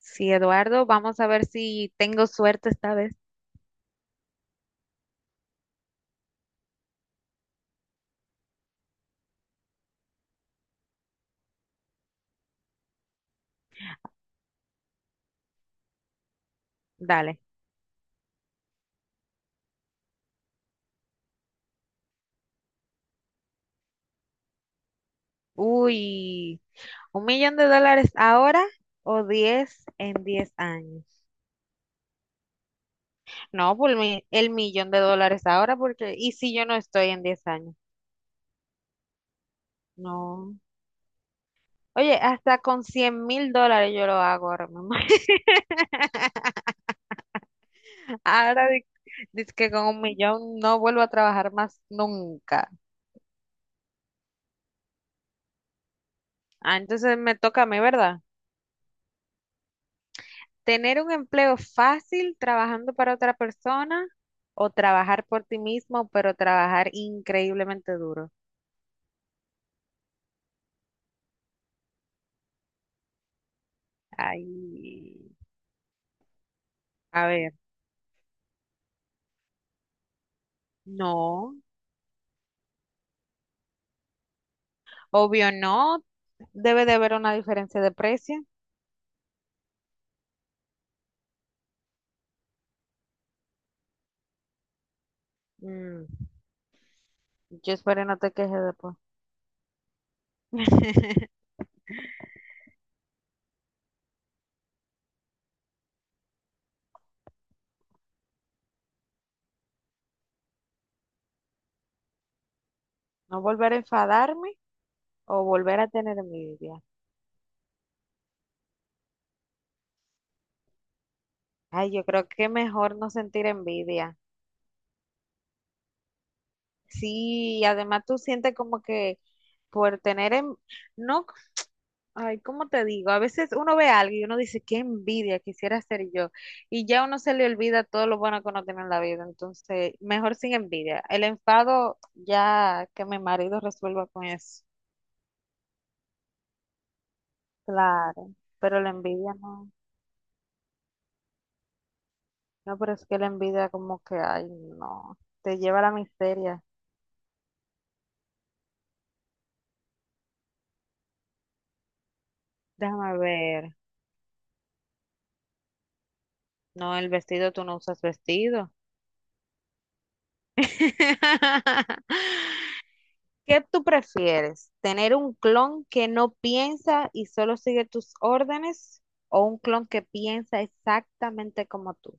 Sí, Eduardo, vamos a ver si tengo suerte esta vez. Dale. Uy, ¿$1,000,000 ahora o 10 en 10 años? No, el millón de dólares ahora, porque ¿y si yo no estoy en 10 años? No. Oye, hasta con $100,000 yo lo hago ahora mismo. Ahora dice que con 1 millón no vuelvo a trabajar más nunca. Ah, entonces me toca a mí, ¿verdad? Tener un empleo fácil trabajando para otra persona o trabajar por ti mismo, pero trabajar increíblemente duro. Ay, a ver, no, obvio no, debe de haber una diferencia de precio. Mm, yo espero no te quejes después. No volver a enfadarme o volver a tener envidia. Ay, yo creo que mejor no sentir envidia. Sí, además tú sientes como que por tener, en- no Ay, ¿cómo te digo? A veces uno ve a alguien y uno dice, qué envidia quisiera ser yo. Y ya uno se le olvida todo lo bueno que uno tiene en la vida. Entonces, mejor sin envidia. El enfado, ya que mi marido resuelva con eso. Claro, pero la envidia no. No, pero es que la envidia como que, ay, no. Te lleva a la miseria. Déjame ver. No, el vestido, tú no usas vestido. ¿Qué tú prefieres? ¿Tener un clon que no piensa y solo sigue tus órdenes? ¿O un clon que piensa exactamente como tú?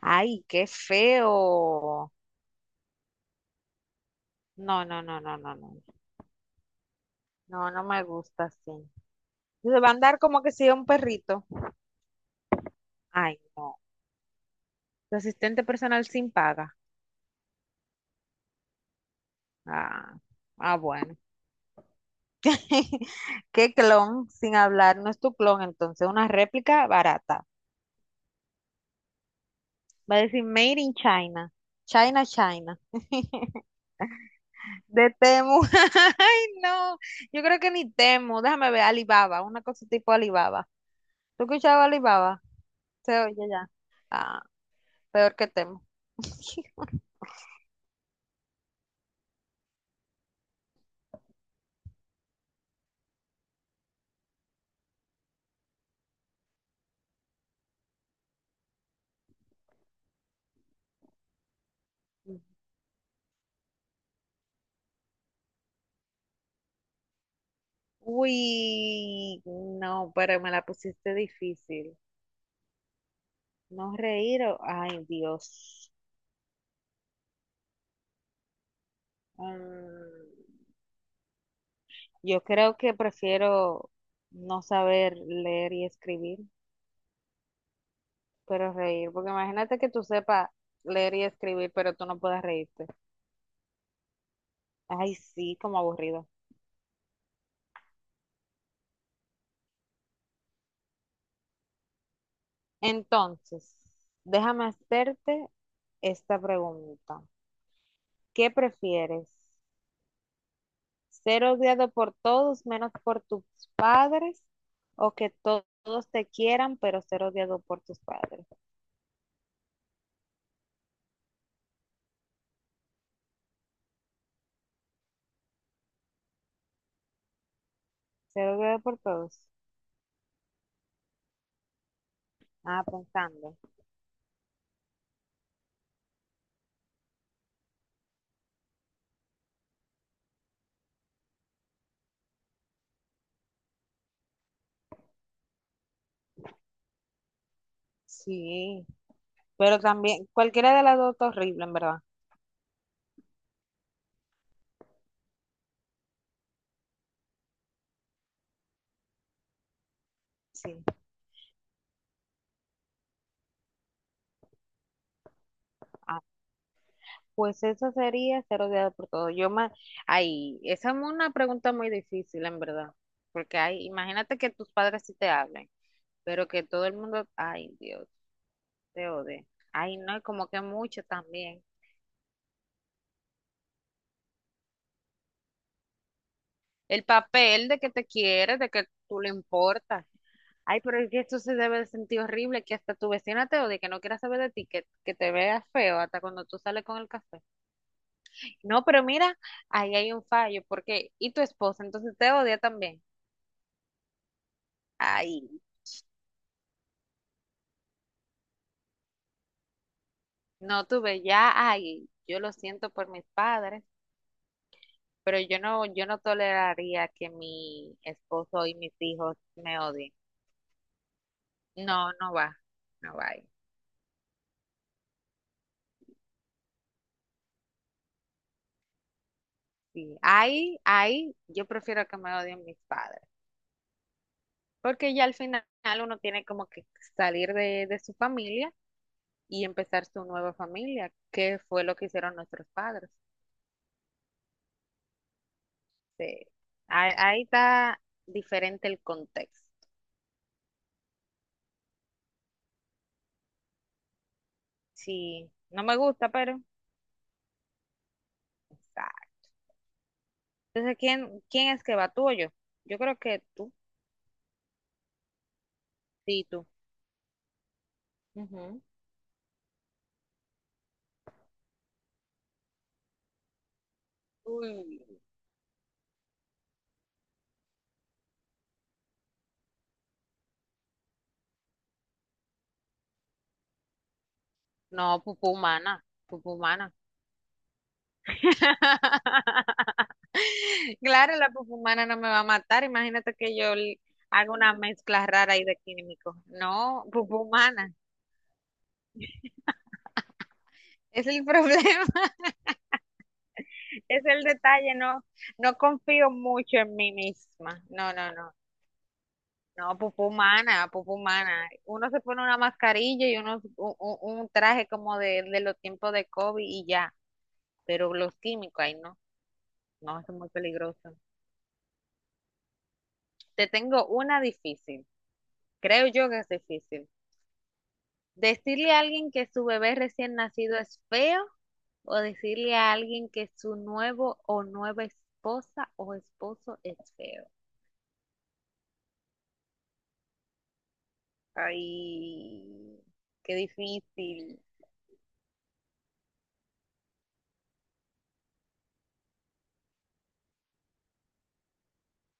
¡Ay, qué feo! No, no, no, no, no, no. No, no me gusta así. Se va a andar como que sea un perrito. Ay, no. Tu asistente personal sin paga. Ah, ah, bueno. ¿Qué clon sin hablar? No es tu clon, entonces. Una réplica barata. Va a decir Made in China. China, China. De Temu. Ay, no. Yo creo que ni Temu. Déjame ver, Alibaba, una cosa tipo Alibaba. ¿Tú escuchabas Alibaba? Se oye ya. Ah, peor que Temu. Uy, no, pero me la pusiste difícil. No reír o... Ay, Dios. Mm, yo creo que prefiero no saber leer y escribir, pero reír. Porque imagínate que tú sepas leer y escribir, pero tú no puedas reírte. Ay, sí, como aburrido. Entonces, déjame hacerte esta pregunta. ¿Qué prefieres? ¿Ser odiado por todos menos por tus padres o que todos te quieran pero ser odiado por tus padres? Ser odiado por todos. Ah, pensando. Sí, pero también cualquiera de las dos está horrible, en verdad. Sí. Pues eso sería ser odiado por todo. Yo más, ay, esa es una pregunta muy difícil, en verdad, porque hay, imagínate que tus padres sí te hablen, pero que todo el mundo, ay, Dios, te odie. Ay, no, y como que mucho también. El papel de que te quieres, de que tú le importas. Ay, pero es que esto se debe de sentir horrible, que hasta tu vecina te odie, que no quiera saber de ti, que te veas feo hasta cuando tú sales con el café. No, pero mira, ahí hay un fallo, porque, y tu esposa, entonces te odia también. Ay. No tuve ya, ay, yo lo siento por mis padres, pero yo no, yo no toleraría que mi esposo y mis hijos me odien. No, no va, no va ahí. Sí, ahí, ahí, yo prefiero que me odien mis padres, porque ya al final uno tiene como que salir de su familia y empezar su nueva familia, que fue lo que hicieron nuestros padres. Sí. Ahí, ahí está diferente el contexto. Sí, no me gusta, pero está. Entonces, quién es que va? ¿Tú o yo? Yo creo que tú. Sí, tú. Ujú. Uy, no, pupú humana. Pupú humana. Claro, la pupú humana no me va a matar. Imagínate que yo haga una mezcla rara ahí de químicos. No, pupú humana. Es el problema, es el detalle. No, no confío mucho en mí misma. No, no, no. No, popó humana, popó humana. Uno se pone una mascarilla y un traje como de los tiempos de COVID y ya. Pero los químicos, ahí no, no, eso es muy peligroso. Te tengo una difícil. Creo yo que es difícil. Decirle a alguien que su bebé recién nacido es feo o decirle a alguien que su nuevo o nueva esposa o esposo es feo. Ay, qué difícil.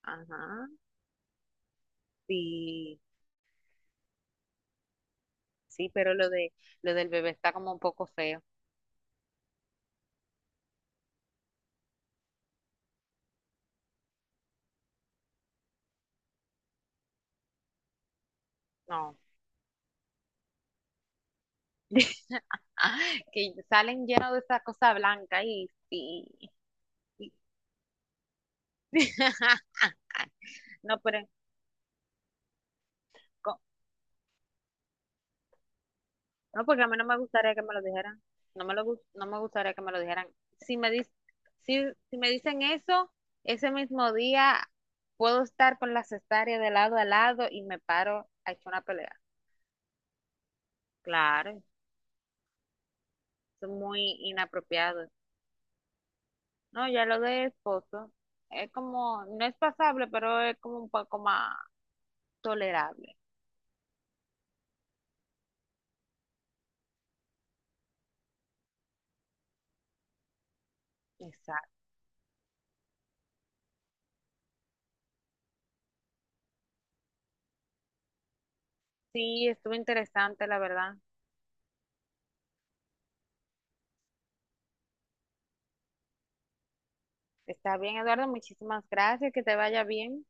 Ajá, sí. Sí, pero lo del bebé está como un poco feo. No. Ah, que salen llenos de esa cosa blanca y, y- No, pero co- no, porque a mí no me gustaría que me lo dijeran. No me no me gustaría que me lo dijeran. Si me dis- si, si me dicen eso, ese mismo día puedo estar con la cesárea de lado a lado y me paro a echar una pelea. Claro, son muy inapropiados. No, ya lo de esposo es como, no es pasable, pero es como un poco más tolerable. Exacto. Sí, estuvo interesante, la verdad. Está bien, Eduardo, muchísimas gracias, que te vaya bien.